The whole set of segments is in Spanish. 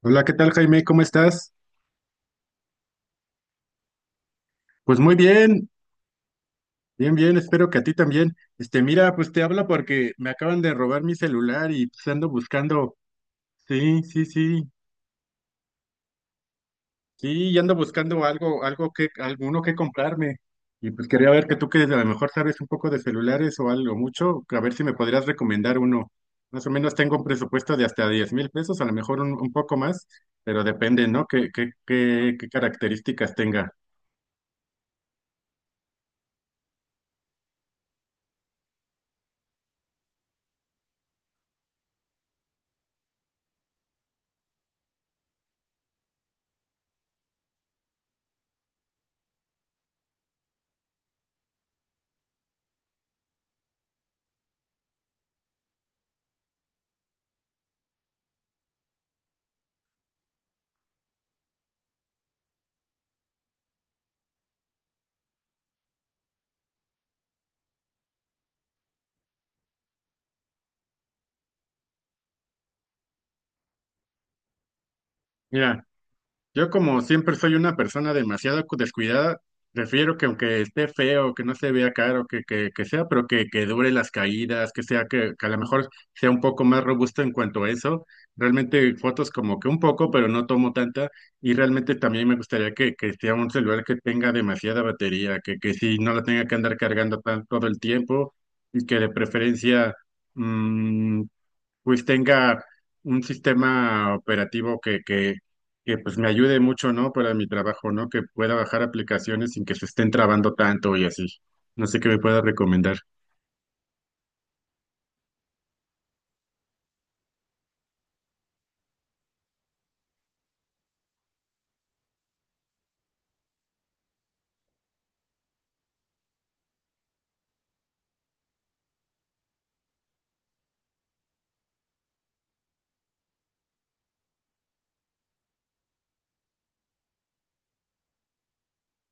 Hola, ¿qué tal, Jaime? ¿Cómo estás? Pues muy bien, bien, bien, espero que a ti también. Mira, pues te habla porque me acaban de robar mi celular y pues ando buscando, sí, sí, sí, sí, y ando buscando algo, alguno que comprarme. Y pues quería ver que tú que a lo mejor sabes un poco de celulares o algo mucho, a ver si me podrías recomendar uno. Más o menos tengo un presupuesto de hasta 10,000 pesos, a lo mejor un poco más, pero depende, ¿no? ¿Qué características tenga? Mira, yo como siempre soy una persona demasiado descuidada, prefiero que aunque esté feo, que no se vea caro, que sea, pero que dure las caídas, que a lo mejor sea un poco más robusto en cuanto a eso. Realmente fotos como que un poco, pero no tomo tanta. Y realmente también me gustaría que sea un celular que tenga demasiada batería, que sí no la tenga que andar cargando todo el tiempo y que de preferencia, mm, pues tenga un sistema operativo que pues me ayude mucho, ¿no? Para mi trabajo, ¿no? Que pueda bajar aplicaciones sin que se estén trabando tanto y así. No sé qué me pueda recomendar.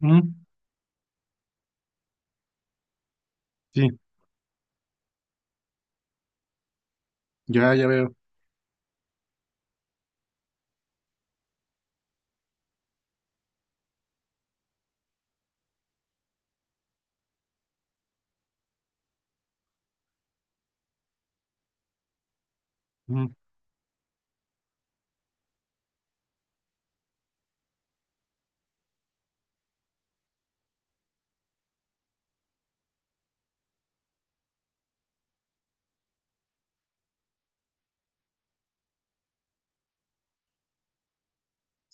Mm, sí, ya, ya veo. Mm,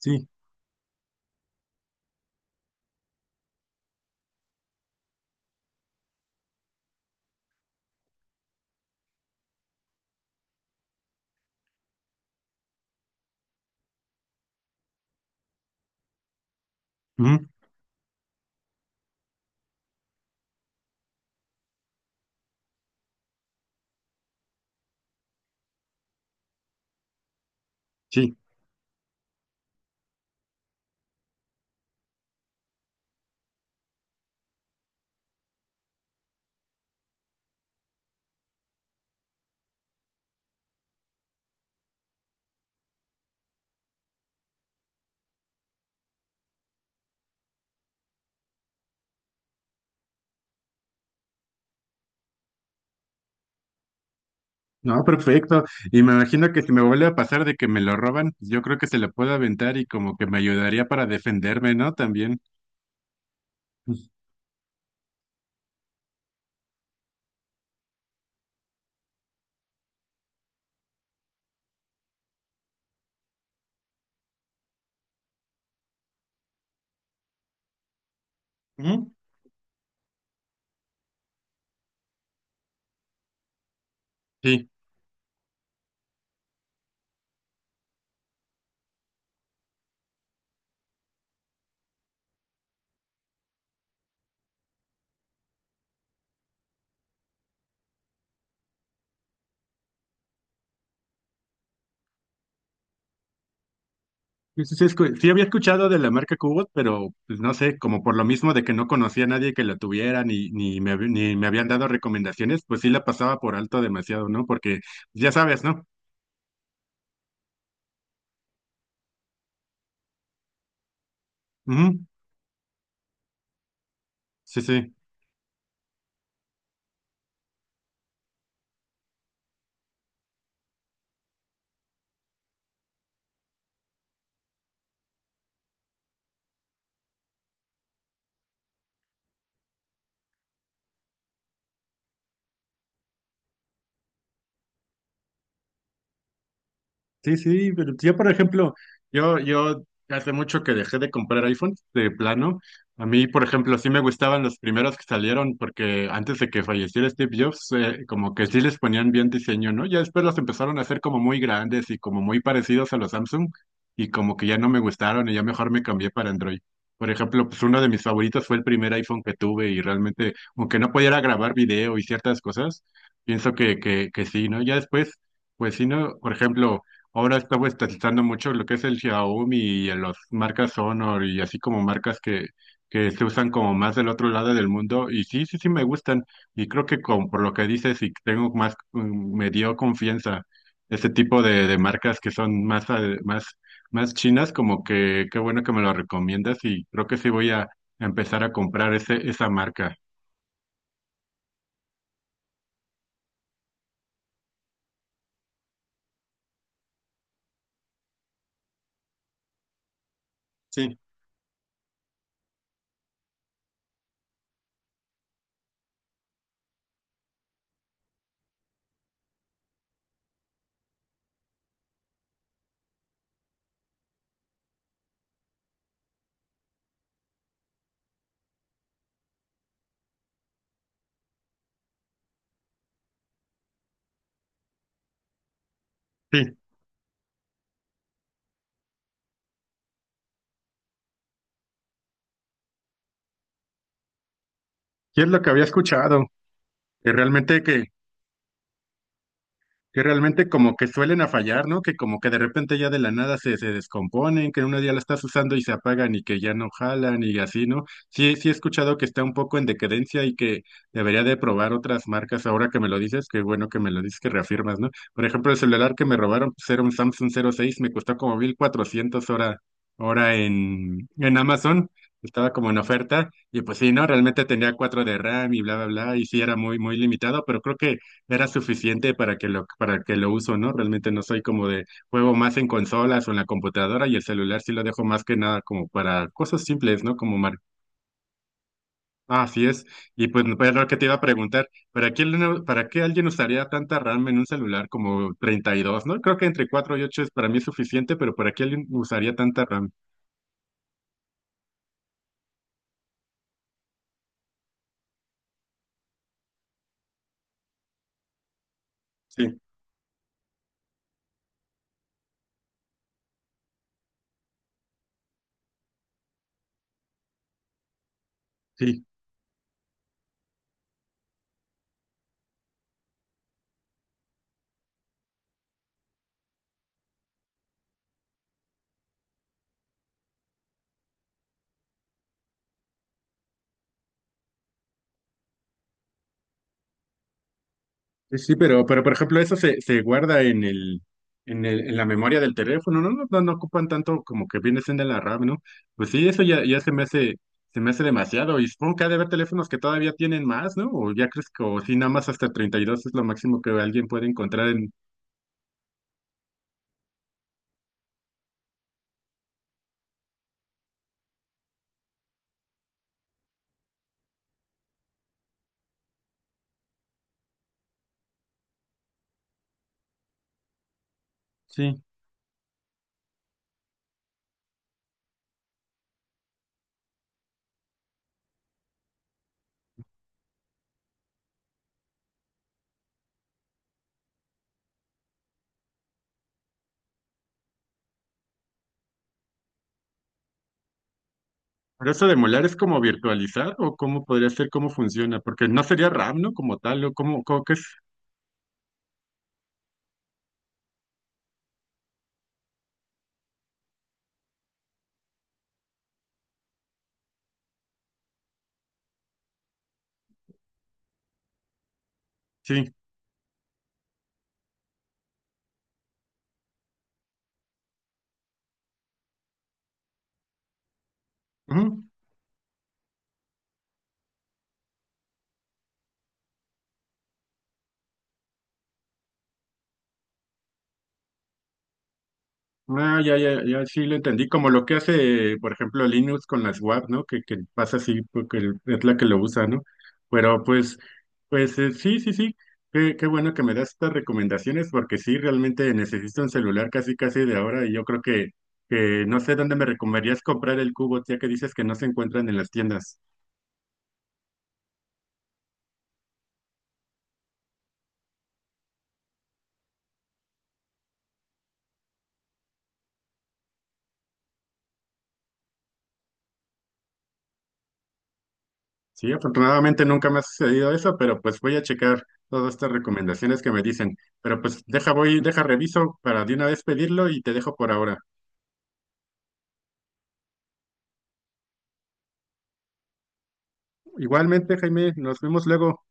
sí, mm, sí. No, perfecto. Y me imagino que si me vuelve a pasar de que me lo roban, pues yo creo que se lo puedo aventar y como que me ayudaría para defenderme, ¿no? También. Mm, sí. Sí, sí, sí, sí había escuchado de la marca Cubot, pero pues no sé, como por lo mismo de que no conocía a nadie que la tuviera, ni me habían dado recomendaciones, pues sí la pasaba por alto demasiado, ¿no? Porque ya sabes, ¿no? Ujú, sí, sí. Sí, sí, pero yo, por ejemplo, yo hace mucho que dejé de comprar iPhone de plano. A mí, por ejemplo, sí me gustaban los primeros que salieron porque antes de que falleciera Steve Jobs, como que sí les ponían bien diseño, ¿no? Ya después los empezaron a hacer como muy grandes y como muy parecidos a los Samsung y como que ya no me gustaron y ya mejor me cambié para Android. Por ejemplo, pues uno de mis favoritos fue el primer iPhone que tuve y realmente, aunque no pudiera grabar video y ciertas cosas, pienso que sí, ¿no? Ya después, pues sí, ¿no? Por ejemplo, ahora está estatizando mucho lo que es el Xiaomi y en las marcas Honor y así como marcas que se usan como más del otro lado del mundo. Y sí, sí, sí me gustan. Y creo que con, por lo que dices y tengo más, me dio confianza este tipo de marcas que son más, más, más chinas, como que qué bueno que me lo recomiendas y creo que sí voy a empezar a comprar esa marca. Sí, sí. Y es lo que había escuchado, que realmente que que realmente como que suelen a fallar, ¿no? Que como que de repente ya de la nada se descomponen, que en unos días la estás usando y se apagan y que ya no jalan y así, ¿no? Sí, sí he escuchado que está un poco en decadencia y que debería de probar otras marcas ahora que me lo dices, qué bueno que me lo dices, que reafirmas, ¿no? Por ejemplo, el celular que me robaron, pues era un Samsung 06, me costó como 1,400 hora en Amazon. Estaba como en oferta, y pues sí, ¿no? Realmente tenía cuatro de RAM y bla, bla, bla, y sí era muy, muy limitado, pero creo que era suficiente para que lo uso, ¿no? Realmente no soy como de juego más en consolas o en la computadora y el celular sí lo dejo más que nada como para cosas simples, ¿no? Como mar... Ah, así es. Y pues pues, lo que te iba a preguntar, ¿ para qué alguien usaría tanta RAM en un celular como 32, ¿no? Creo que entre 4 y 8 es para mí es suficiente, pero ¿para qué alguien usaría tanta RAM? Sí, sí. Sí, sí, pero por ejemplo, eso se guarda en el, en la memoria del teléfono, ¿no? No, no, no ocupan tanto como que viene siendo la RAM, ¿no? Pues sí, eso ya se me hace demasiado. Y supongo que ha de haber teléfonos que todavía tienen más, ¿no? O ya crees que, o sí, nada más hasta 32 es lo máximo que alguien puede encontrar en. Sí. Pero eso de molar es como virtualizar, o cómo podría ser, cómo funciona, porque no sería RAM, ¿no? Como tal, o cómo que es. Sí. Ujú. Ah, ya, ya, ya, sí lo entendí. Como lo que hace, por ejemplo, Linux con las WAP, ¿no? Que pasa así porque es la que lo usa, ¿no? Pero pues, pues sí, sí, sí. Qué bueno que me das estas recomendaciones porque sí, realmente necesito un celular casi, casi de ahora y yo creo que, no sé dónde me recomendarías comprar el cubo, ya que dices que no se encuentran en las tiendas. Sí, afortunadamente nunca me ha sucedido eso, pero pues voy a checar todas estas recomendaciones que me dicen. Pero pues deja, reviso para de una vez pedirlo y te dejo por ahora. Igualmente, Jaime, nos vemos luego.